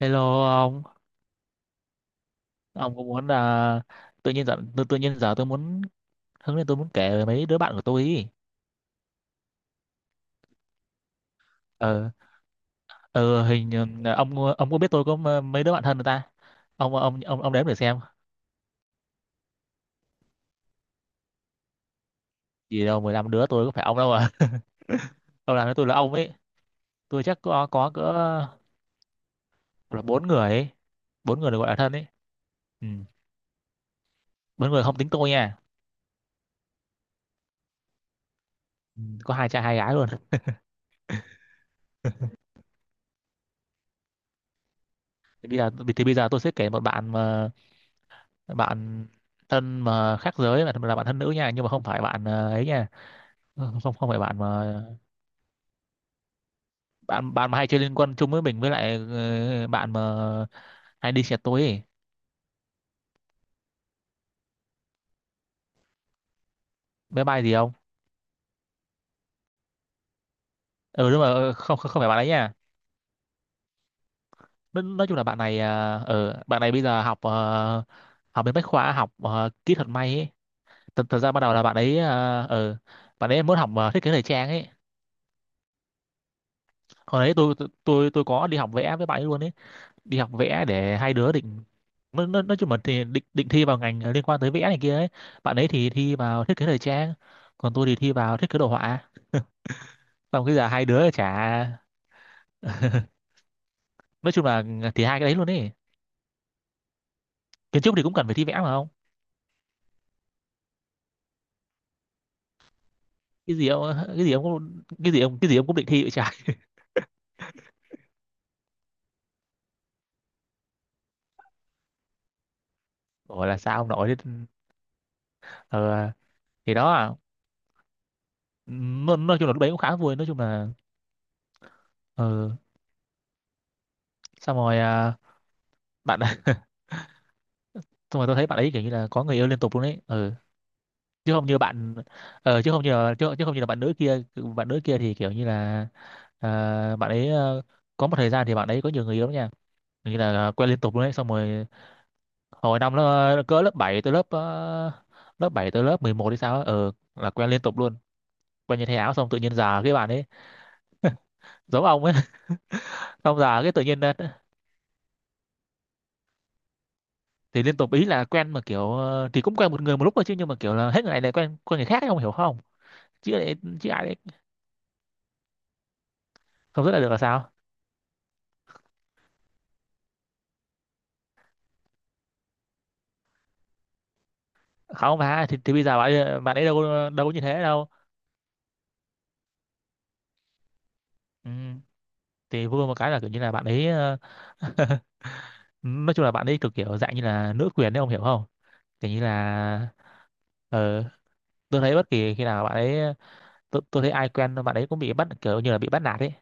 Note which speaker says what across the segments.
Speaker 1: Hello ông, ông có muốn là tự nhiên giờ tự nhiên giờ tôi muốn hứng lên, tôi muốn kể về mấy đứa bạn của tôi ý. Ờ ờ hình như- ông có biết tôi có mấy đứa bạn thân người ta. Ông đếm để xem. Chỉ đâu 15 đứa tôi có phải ông đâu mà. Ông làm với tôi là ông ấy. Tôi chắc có cỡ là bốn người ấy. Bốn người được gọi là thân ấy. Ừ. Bốn người không tính tôi nha. Ừ, có hai trai hai gái luôn. Thì bây giờ thì bây giờ tôi sẽ kể một bạn mà bạn thân mà khác giới, là bạn thân nữ nha, nhưng mà không phải bạn ấy nha. Không không phải bạn mà bạn bạn mà hay chơi liên quân chung với mình, với lại bạn mà hay đi xe tối ấy. Bé bay gì không? Ừ, đúng rồi. Ờ, không không không phải bạn ấy nha. Nói chung là bạn này bạn này bây giờ học bên bách khoa, học kỹ thuật may ấy. Thật ra ban đầu là bạn ấy muốn học thiết kế thời trang ấy. Hồi đấy tôi, tôi có đi học vẽ với bạn ấy luôn ấy. Đi học vẽ để hai đứa định, nói chung là thì định định thi vào ngành liên quan tới vẽ này kia ấy. Bạn ấy thì thi vào thiết kế thời trang, còn tôi thì thi vào thiết kế đồ họa. Xong cái giờ hai đứa chả, nói chung là thì hai cái đấy luôn ấy. Kiến trúc thì cũng cần phải thi vẽ mà không? Cái gì ông cái gì ông cũng định thi vậy trời. Gọi là sao ông nội thế. ờ, thì đó à. Nói chung là lúc đấy cũng khá vui, nói chung là ờ, xong rồi à. Bạn xong rồi tôi thấy bạn ấy kiểu như là có người yêu liên tục luôn ấy. Ờ. Chứ không như bạn, chứ không như, chứ không như là bạn nữ kia. Bạn nữ kia thì kiểu như là ờ, bạn ấy ờ, có một thời gian thì bạn ấy có nhiều người yêu lắm nha. Như là quen liên tục luôn đấy. Xong rồi hồi năm nó cỡ lớp 7 tới lớp 7 tới lớp 11 hay sao á, ờ là quen liên tục luôn. Quen như thay áo, xong tự nhiên già cái bạn ấy giống ông ấy. Xong già cái tự nhiên thì liên tục ý là quen mà kiểu thì cũng quen một người một lúc thôi chứ, nhưng mà kiểu là hết người này lại quen quen người khác ấy, ông hiểu không? Chứ lại, chứ ai đấy, không rất là được là sao. Không bà thì, bây giờ bạn bạn ấy đâu có như thế đâu. Ừ. Thì vui một cái là kiểu như là bạn ấy nói chung là bạn ấy cực kiểu dạng như là nữ quyền đấy, ông hiểu không? Kiểu như là ờ tôi thấy bất kỳ khi nào bạn ấy, tôi thấy ai quen bạn ấy cũng bị bắt, kiểu như là bị bắt nạt ấy.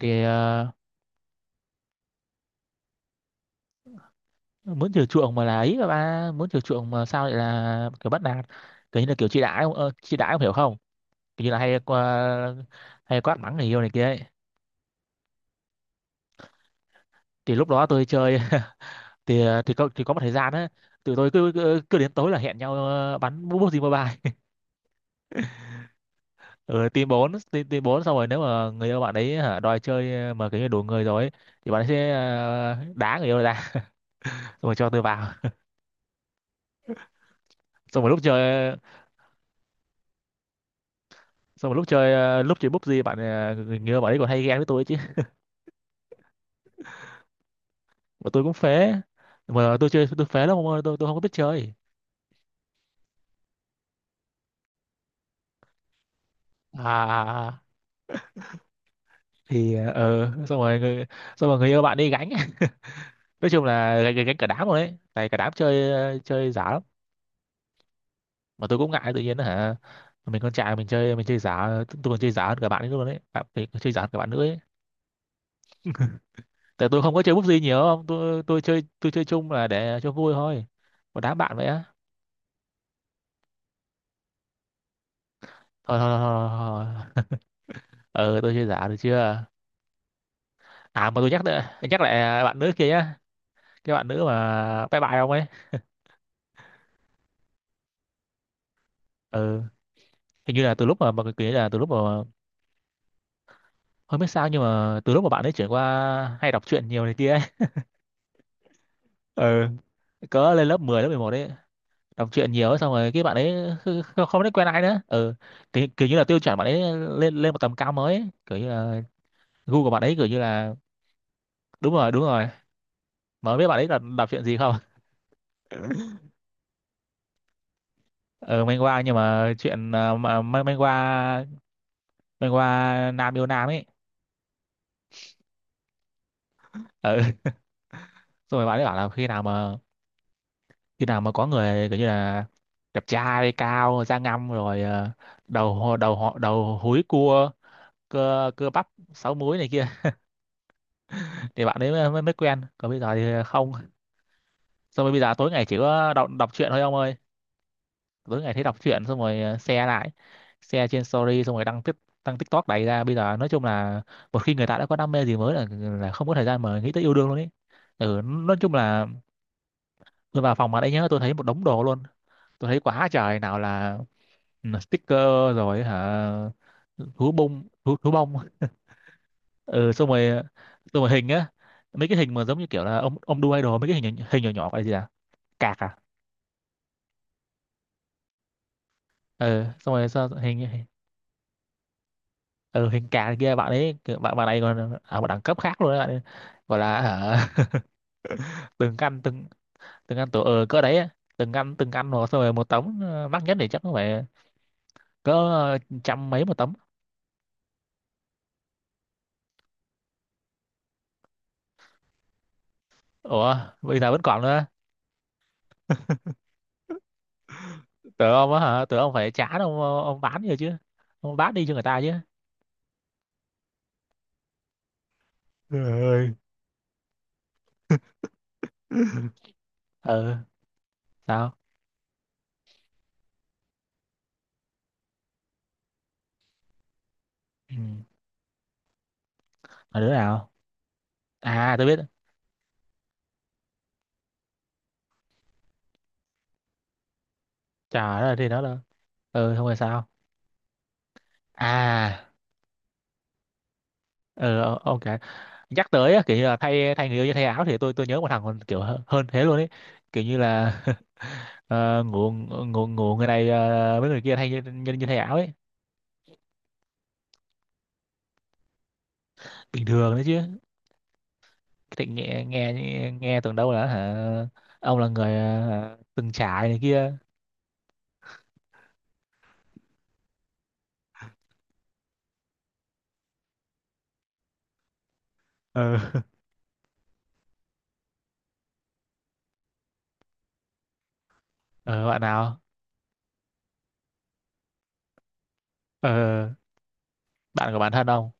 Speaker 1: Thì muốn chiều chuộng mà là ấy mà, ba muốn chiều chuộng mà sao lại là kiểu bắt nạt. Kiểu như là kiểu chị đã ông hiểu không. Kiểu như là hay quát mắng người yêu này kia ấy. Thì lúc đó tôi chơi, thì có một thời gian á, tụi tôi cứ, cứ cứ đến tối là hẹn nhau bắn bút gì mobile. Ở team bốn, team bốn, xong rồi nếu mà người yêu bạn ấy hả, đòi chơi mà kiểu như đủ người rồi ấy, thì bạn ấy sẽ đá người yêu ra. Xong rồi cho tôi vào. Xong rồi lúc chơi, xong rồi lúc chơi bút gì, người yêu bạn ấy còn hay ghen với tôi chứ. Mà tôi cũng phế, mà tôi chơi tôi phế lắm không ơi, tôi không có biết chơi. À à, à. Thì ừ, xong rồi người, xong rồi người, yêu bạn đi gánh. Nói chung là gánh cả đám rồi đấy, tại cả đám chơi chơi giả lắm. Mà tôi cũng ngại tự nhiên đó hả, mình con trai mình chơi giả. Tôi còn chơi giả hơn cả bạn ấy luôn đấy, bạn mình còn chơi giả hơn cả bạn nữa ấy. Tại tôi không có chơi búp gì nhiều, không tôi chơi tôi chơi chung là để cho vui thôi. Một đám bạn vậy á. Thôi thôi thôi, thôi, thôi. Ờ tôi chơi giả được chưa. À mà tôi nhắc lại, nhắc lại bạn nữ kia nhá. Cái bạn nữ mà bye bye không ấy. Ừ. Hình như là từ lúc mà cái kia, là từ lúc mà không biết sao, nhưng mà từ lúc mà bạn ấy chuyển qua hay đọc truyện nhiều này kia ấy. Ừ. Có lên lớp mười, lớp 11 đấy, đọc truyện nhiều xong rồi cái bạn ấy không biết quen ai nữa. Ừ. Kiểu như là tiêu chuẩn bạn ấy lên lên một tầm cao mới ấy. Kiểu như là gu của bạn ấy kiểu như là, đúng rồi đúng rồi. Mà không biết bạn ấy là đọc truyện gì không. Ừ, manhwa nhưng mà chuyện mà manhwa. Manhwa nam yêu nam ấy. Ừ. Xong rồi bạn ấy bảo là khi nào mà, khi nào mà có người kiểu như là đẹp trai, cao, da ngăm, rồi đầu hò- đầu họ đầu húi cua, cơ cơ bắp sáu múi này kia, thì bạn ấy mới mới mới quen, còn bây giờ thì không. Xong rồi bây giờ tối ngày chỉ có đọc đọc truyện thôi ông ơi. Tối ngày thấy đọc truyện xong rồi share lại, share trên story, xong rồi đăng tiếp, đăng TikTok đầy ra bây giờ. Nói chung là một khi người ta đã có đam mê gì mới là không có thời gian mà nghĩ tới yêu đương luôn ấy. Ừ, nói chung là tôi vào phòng mà đấy nhá, tôi thấy một đống đồ luôn. Tôi thấy quá trời, nào là ừ, sticker rồi hả, thú bông, ừ, xong rồi, xong rồi hình á. Mấy cái hình mà giống như kiểu là ông đu idol, mấy cái hình hình nhỏ nhỏ gọi là gì à, cạc à. Ừ, xong rồi sao hình. Ừ, hình cà kia bạn ấy kiểu, bạn bạn này còn ở một đẳng cấp khác luôn đấy bạn ấy. Gọi là hả, từng căn từng, từng căn tổ cỡ đấy á. Từng căn từng căn một, xong rồi một tấm mắc nhất thì chắc cũng phải cỡ trăm mấy một tấm. Ủa, bây giờ vẫn còn nữa? Tưởng ông á hả, tưởng ông phải trả, ông bán rồi chứ, ông bán đi cho người ta chứ. Trời ơi. Ừ, sao? Ừ. Mà đứa nào? À tôi biết. Trời ơi, thì nó là ừ không phải sao. À. Ừ, ông cả nhắc tới á, kiểu như là thay thay người yêu cho thay áo thì tôi nhớ một thằng còn kiểu hơn thế luôn ấy. Kiểu như là ngủ ngủ ngủ người này với người kia, thay như thay áo ấy. Bình thường đấy chứ. Thì nghe, nghe tưởng đâu là hả, ông là người từng trải này kia. Ờ. ờ, Bạn nào? ờ Bạn của bản thân ông.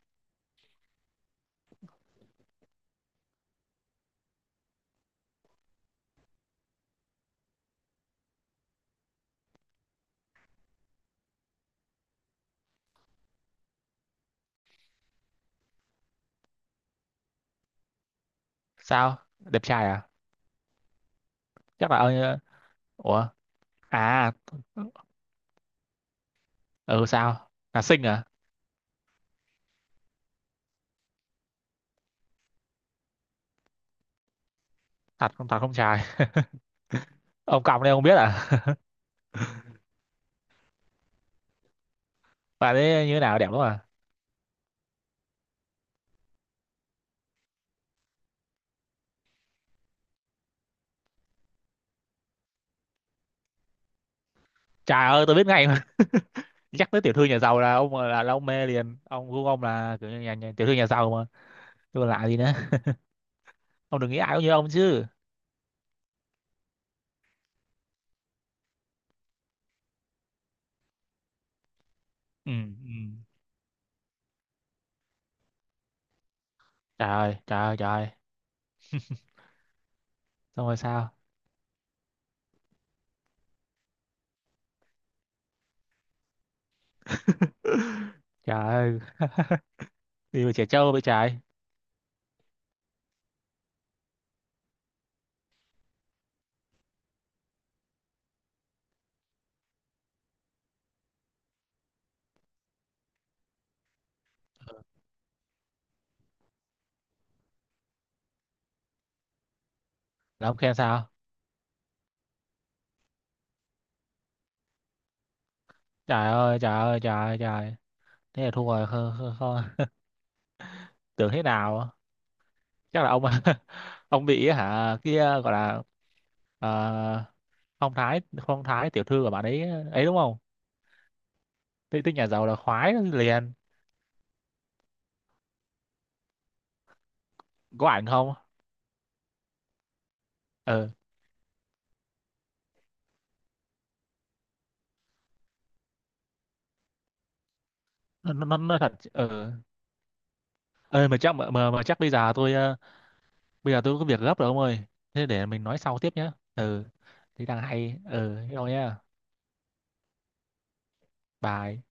Speaker 1: Sao đẹp trai à? Chắc là ông ủa. À. Ừ, sao là xinh à? Thật không trai. Ông còng đây ông biết à. Bà đấy như thế nào, đẹp lắm à? Trời ơi, tôi biết ngay mà. Nhắc tới tiểu thư nhà giàu là ông, là ông mê liền. Ông gu ông là kiểu như nhà tiểu thư nhà giàu mà, tôi còn lạ gì nữa. Ông đừng nghĩ ai cũng như ông chứ. Ừ, ừ. Trời ơi, trời ơi, trời ơi. Xong rồi sao. Trời ơi. Đi về trẻ trâu với trái. Là ông khen sao? Trời ơi, trời ơi, trời ơi, trời ơi. Thế là thua rồi. Không, không, không. Tưởng thế nào. Chắc là ông ông bị hả kia, gọi là ờ, phong thái, phong thái tiểu thư của bạn ấy ấy, đúng không. Thế thích nhà giàu là khoái liền. Có ảnh không? ờ nó, nó thật ơi. Mà chắc mà chắc bây giờ tôi bây giờ tôi có việc gấp rồi ông ơi. Thế để mình nói sau tiếp nhé. Ờ Thế đang hay thế thôi nhá. Bye.